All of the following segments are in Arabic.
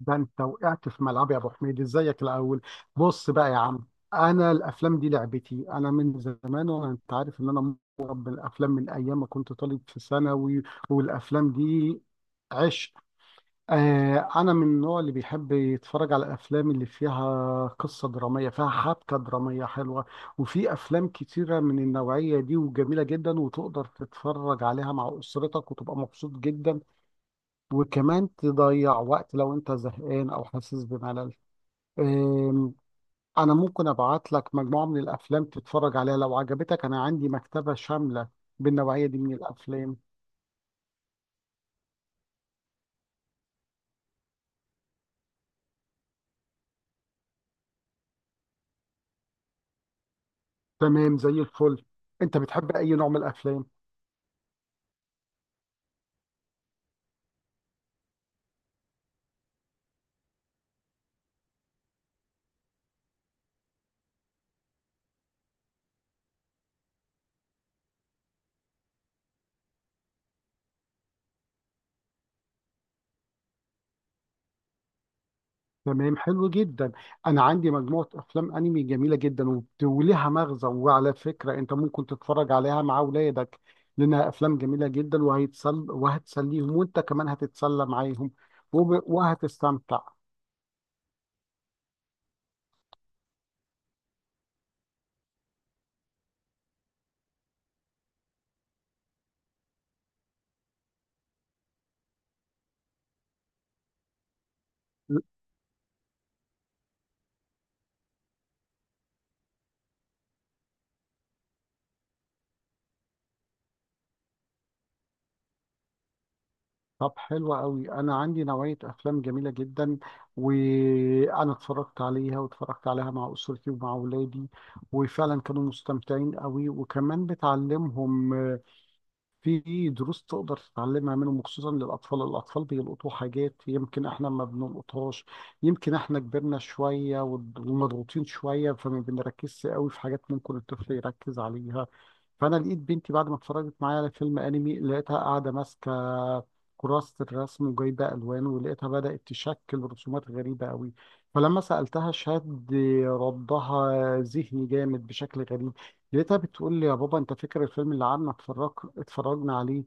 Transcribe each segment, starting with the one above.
ده انت وقعت في ملعب يا ابو حميد، ازيك الاول؟ بص بقى يا عم، انا الافلام دي لعبتي انا من زمان، وانا انت عارف ان انا مربي الافلام من ايام ما كنت طالب في ثانوي. والافلام دي عشق. آه، انا من النوع اللي بيحب يتفرج على الافلام اللي فيها قصه دراميه، فيها حبكه دراميه حلوه. وفي افلام كتيره من النوعيه دي وجميله جدا، وتقدر تتفرج عليها مع اسرتك وتبقى مبسوط جدا، وكمان تضيع وقت لو انت زهقان او حاسس بملل. أم، انا ممكن ابعت لك مجموعة من الافلام تتفرج عليها لو عجبتك، انا عندي مكتبة شاملة بالنوعية دي من الافلام. تمام، زي الفل. انت بتحب اي نوع من الافلام؟ تمام، حلو جدا. انا عندي مجموعة افلام انمي جميلة جدا، وليها مغزى، وعلى فكرة انت ممكن تتفرج عليها مع اولادك، لانها افلام جميلة جدا، وهيتسل وهتسليهم، وانت كمان هتتسلى معاهم وهتستمتع. طب حلو قوي، انا عندي نوعيه افلام جميله جدا، وانا اتفرجت عليها، واتفرجت عليها مع اسرتي ومع اولادي، وفعلا كانوا مستمتعين قوي، وكمان بتعلمهم. في دروس تقدر تتعلمها منهم خصوصا للأطفال. الأطفال بيلقطوا حاجات يمكن إحنا ما بنلقطهاش، يمكن إحنا كبرنا شوية ومضغوطين شوية، فما بنركزش قوي في حاجات ممكن الطفل يركز عليها. فأنا لقيت بنتي بعد ما اتفرجت معايا على فيلم أنمي، لقيتها قاعدة ماسكة كراسة الرسم وجايبة ألوان، ولقيتها بدأت تشكل رسومات غريبة قوي. فلما سألتها، شد ردها ذهني جامد بشكل غريب. لقيتها بتقول لي: يا بابا انت فاكر الفيلم اللي قعدنا اتفرجنا عليه؟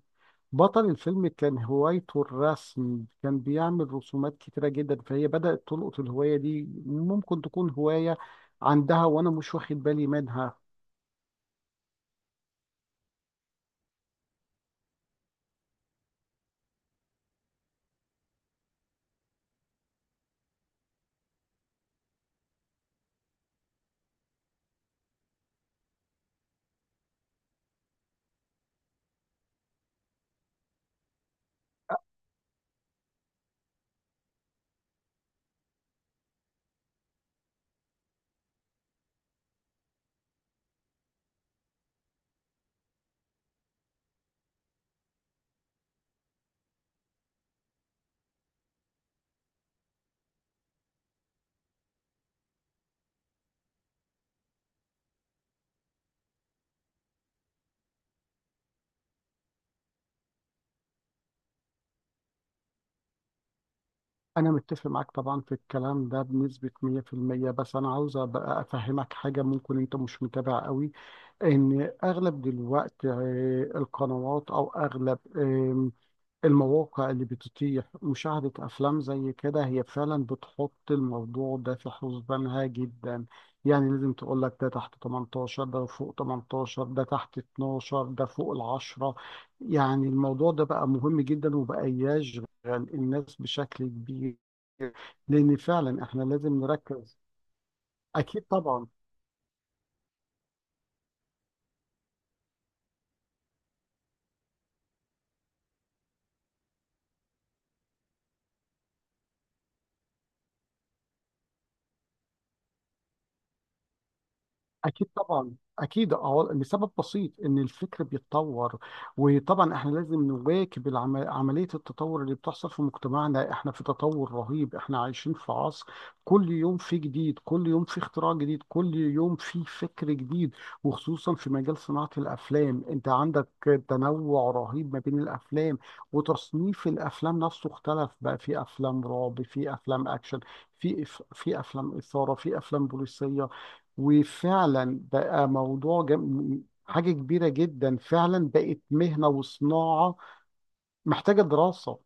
بطل الفيلم كان هوايته الرسم، كان بيعمل رسومات كتيرة جدا، فهي بدأت تلقط الهواية دي، ممكن تكون هواية عندها وأنا مش واخد بالي منها. أنا متفق معاك طبعا في الكلام ده بنسبة 100%، بس أنا عاوز أبقى أفهمك حاجة ممكن أنت مش متابع قوي. إن أغلب دلوقتي القنوات أو أغلب المواقع اللي بتتيح مشاهدة أفلام زي كده، هي فعلا بتحط الموضوع ده في حسبانها جدا. يعني لازم تقول لك ده تحت 18، ده فوق 18، ده تحت 12، ده فوق الـ10. يعني الموضوع ده بقى مهم جدا، وبقى يشغل الناس بشكل كبير. لأن فعلا احنا لازم نركز. أكيد طبعا، أكيد طبعا، أكيد، أه. لسبب بسيط إن الفكر بيتطور، وطبعا إحنا لازم نواكب عملية التطور اللي بتحصل في مجتمعنا. إحنا في تطور رهيب، إحنا عايشين في عصر كل يوم في جديد، كل يوم في اختراع جديد، كل يوم في فكر جديد. وخصوصا في مجال صناعة الأفلام، أنت عندك تنوع رهيب ما بين الأفلام، وتصنيف الأفلام نفسه اختلف. بقى في أفلام رعب، في أفلام أكشن، في في أفلام إثارة، في أفلام بوليسية. وفعلا بقى موضوع حاجة كبيرة جدا، فعلا بقت مهنة وصناعة محتاجة دراسة.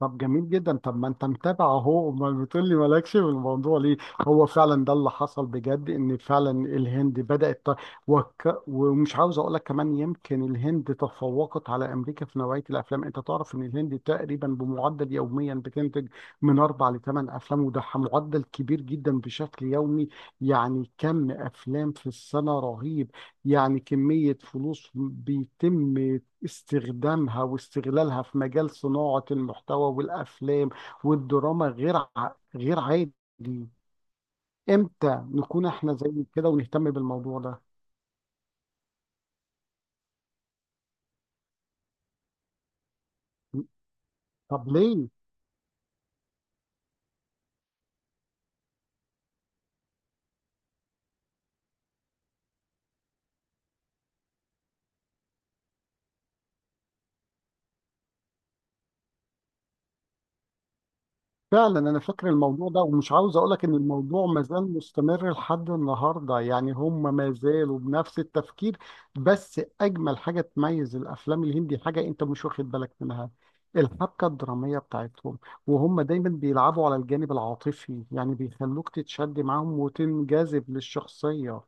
طب جميل جدا. طب ما انت متابع اهو، امال بتقول لي مالكش في الموضوع ليه؟ هو فعلا ده اللي حصل بجد، ان فعلا الهند بدأت ومش عاوز اقول لك كمان يمكن الهند تفوقت على امريكا في نوعية الافلام. انت تعرف ان الهند تقريبا بمعدل يوميا بتنتج من اربع لثمان افلام، وده معدل كبير جدا بشكل يومي. يعني كم افلام في السنة، رهيب! يعني كمية فلوس بيتم استخدامها واستغلالها في مجال صناعة المحتوى والأفلام والدراما غير عادي. امتى نكون احنا زي كده ونهتم بالموضوع ده؟ طب ليه؟ فعلا انا فاكر الموضوع ده، ومش عاوز اقولك ان الموضوع ما زال مستمر لحد النهارده، يعني هم ما زالوا بنفس التفكير. بس اجمل حاجه تميز الافلام الهندي، حاجه انت مش واخد بالك منها، الحبكه الدراميه بتاعتهم. وهم دايما بيلعبوا على الجانب العاطفي، يعني بيخلوك تتشد معاهم وتنجذب للشخصيه.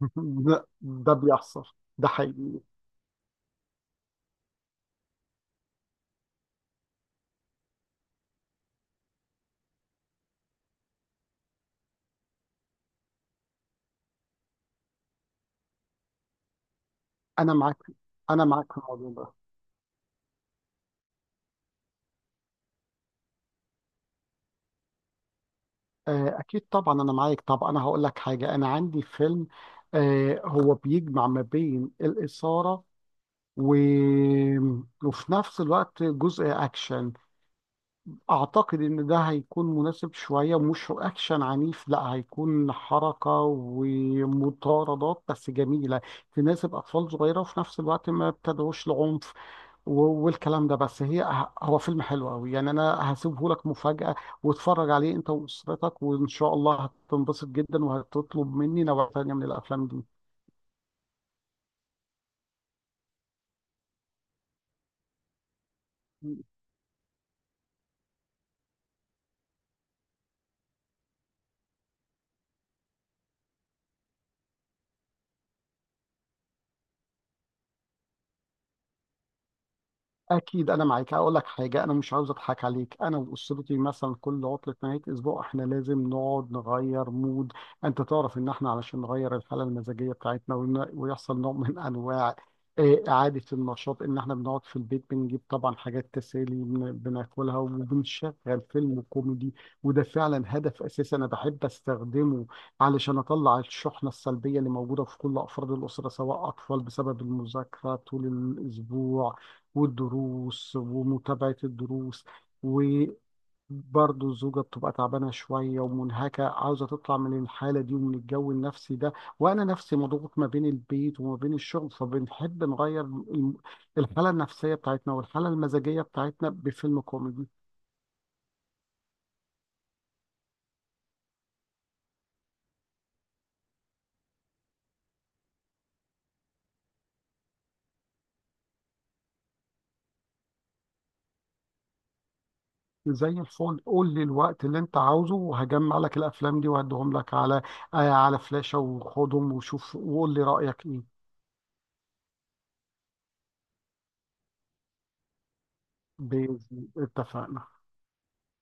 لا، ده بيحصل، ده حقيقي. انا معاك، انا معاك في الموضوع ده. أكيد طبعا، أنا معاك. طب أنا هقول لك حاجة، أنا عندي فيلم هو بيجمع ما بين الإثارة و... وفي نفس الوقت جزء أكشن. أعتقد إن ده هيكون مناسب شوية، مش أكشن عنيف، لا، هيكون حركة ومطاردات بس جميلة، تناسب أطفال صغيرة، وفي نفس الوقت ما بتدعوش لعنف. والكلام ده، بس هي هو فيلم حلو قوي يعني، انا هسيبه لك مفاجأة، واتفرج عليه انت واسرتك، وان شاء الله هتنبسط جدا وهتطلب مني نوع تانية من الافلام دي. اكيد انا معاك. اقول لك حاجه، انا مش عاوز اضحك عليك، انا واسرتي مثلا كل عطله نهايه اسبوع احنا لازم نقعد نغير مود. انت تعرف ان احنا علشان نغير الحاله المزاجيه بتاعتنا، ويحصل نوع من انواع اعاده النشاط، ان احنا بنقعد في البيت، بنجيب طبعا حاجات تسالي بناكلها، وبنشغل فيلم كوميدي. وده فعلا هدف اساسي انا بحب استخدمه، علشان اطلع الشحنه السلبيه اللي موجوده في كل افراد الاسره، سواء اطفال بسبب المذاكره طول الاسبوع والدروس ومتابعة الدروس، وبرضه الزوجة بتبقى تعبانة شوية ومنهكة، عاوزة تطلع من الحالة دي ومن الجو النفسي ده، وأنا نفسي مضغوط ما بين البيت وما بين الشغل، فبنحب نغير الحالة النفسية بتاعتنا والحالة المزاجية بتاعتنا بفيلم كوميدي. زي الفل. قول لي الوقت اللي انت عاوزه، وهجمع لك الافلام دي وهديهم لك على على فلاشة، وخدهم وشوف وقول لي رأيك ايه. بإذن، اتفقنا.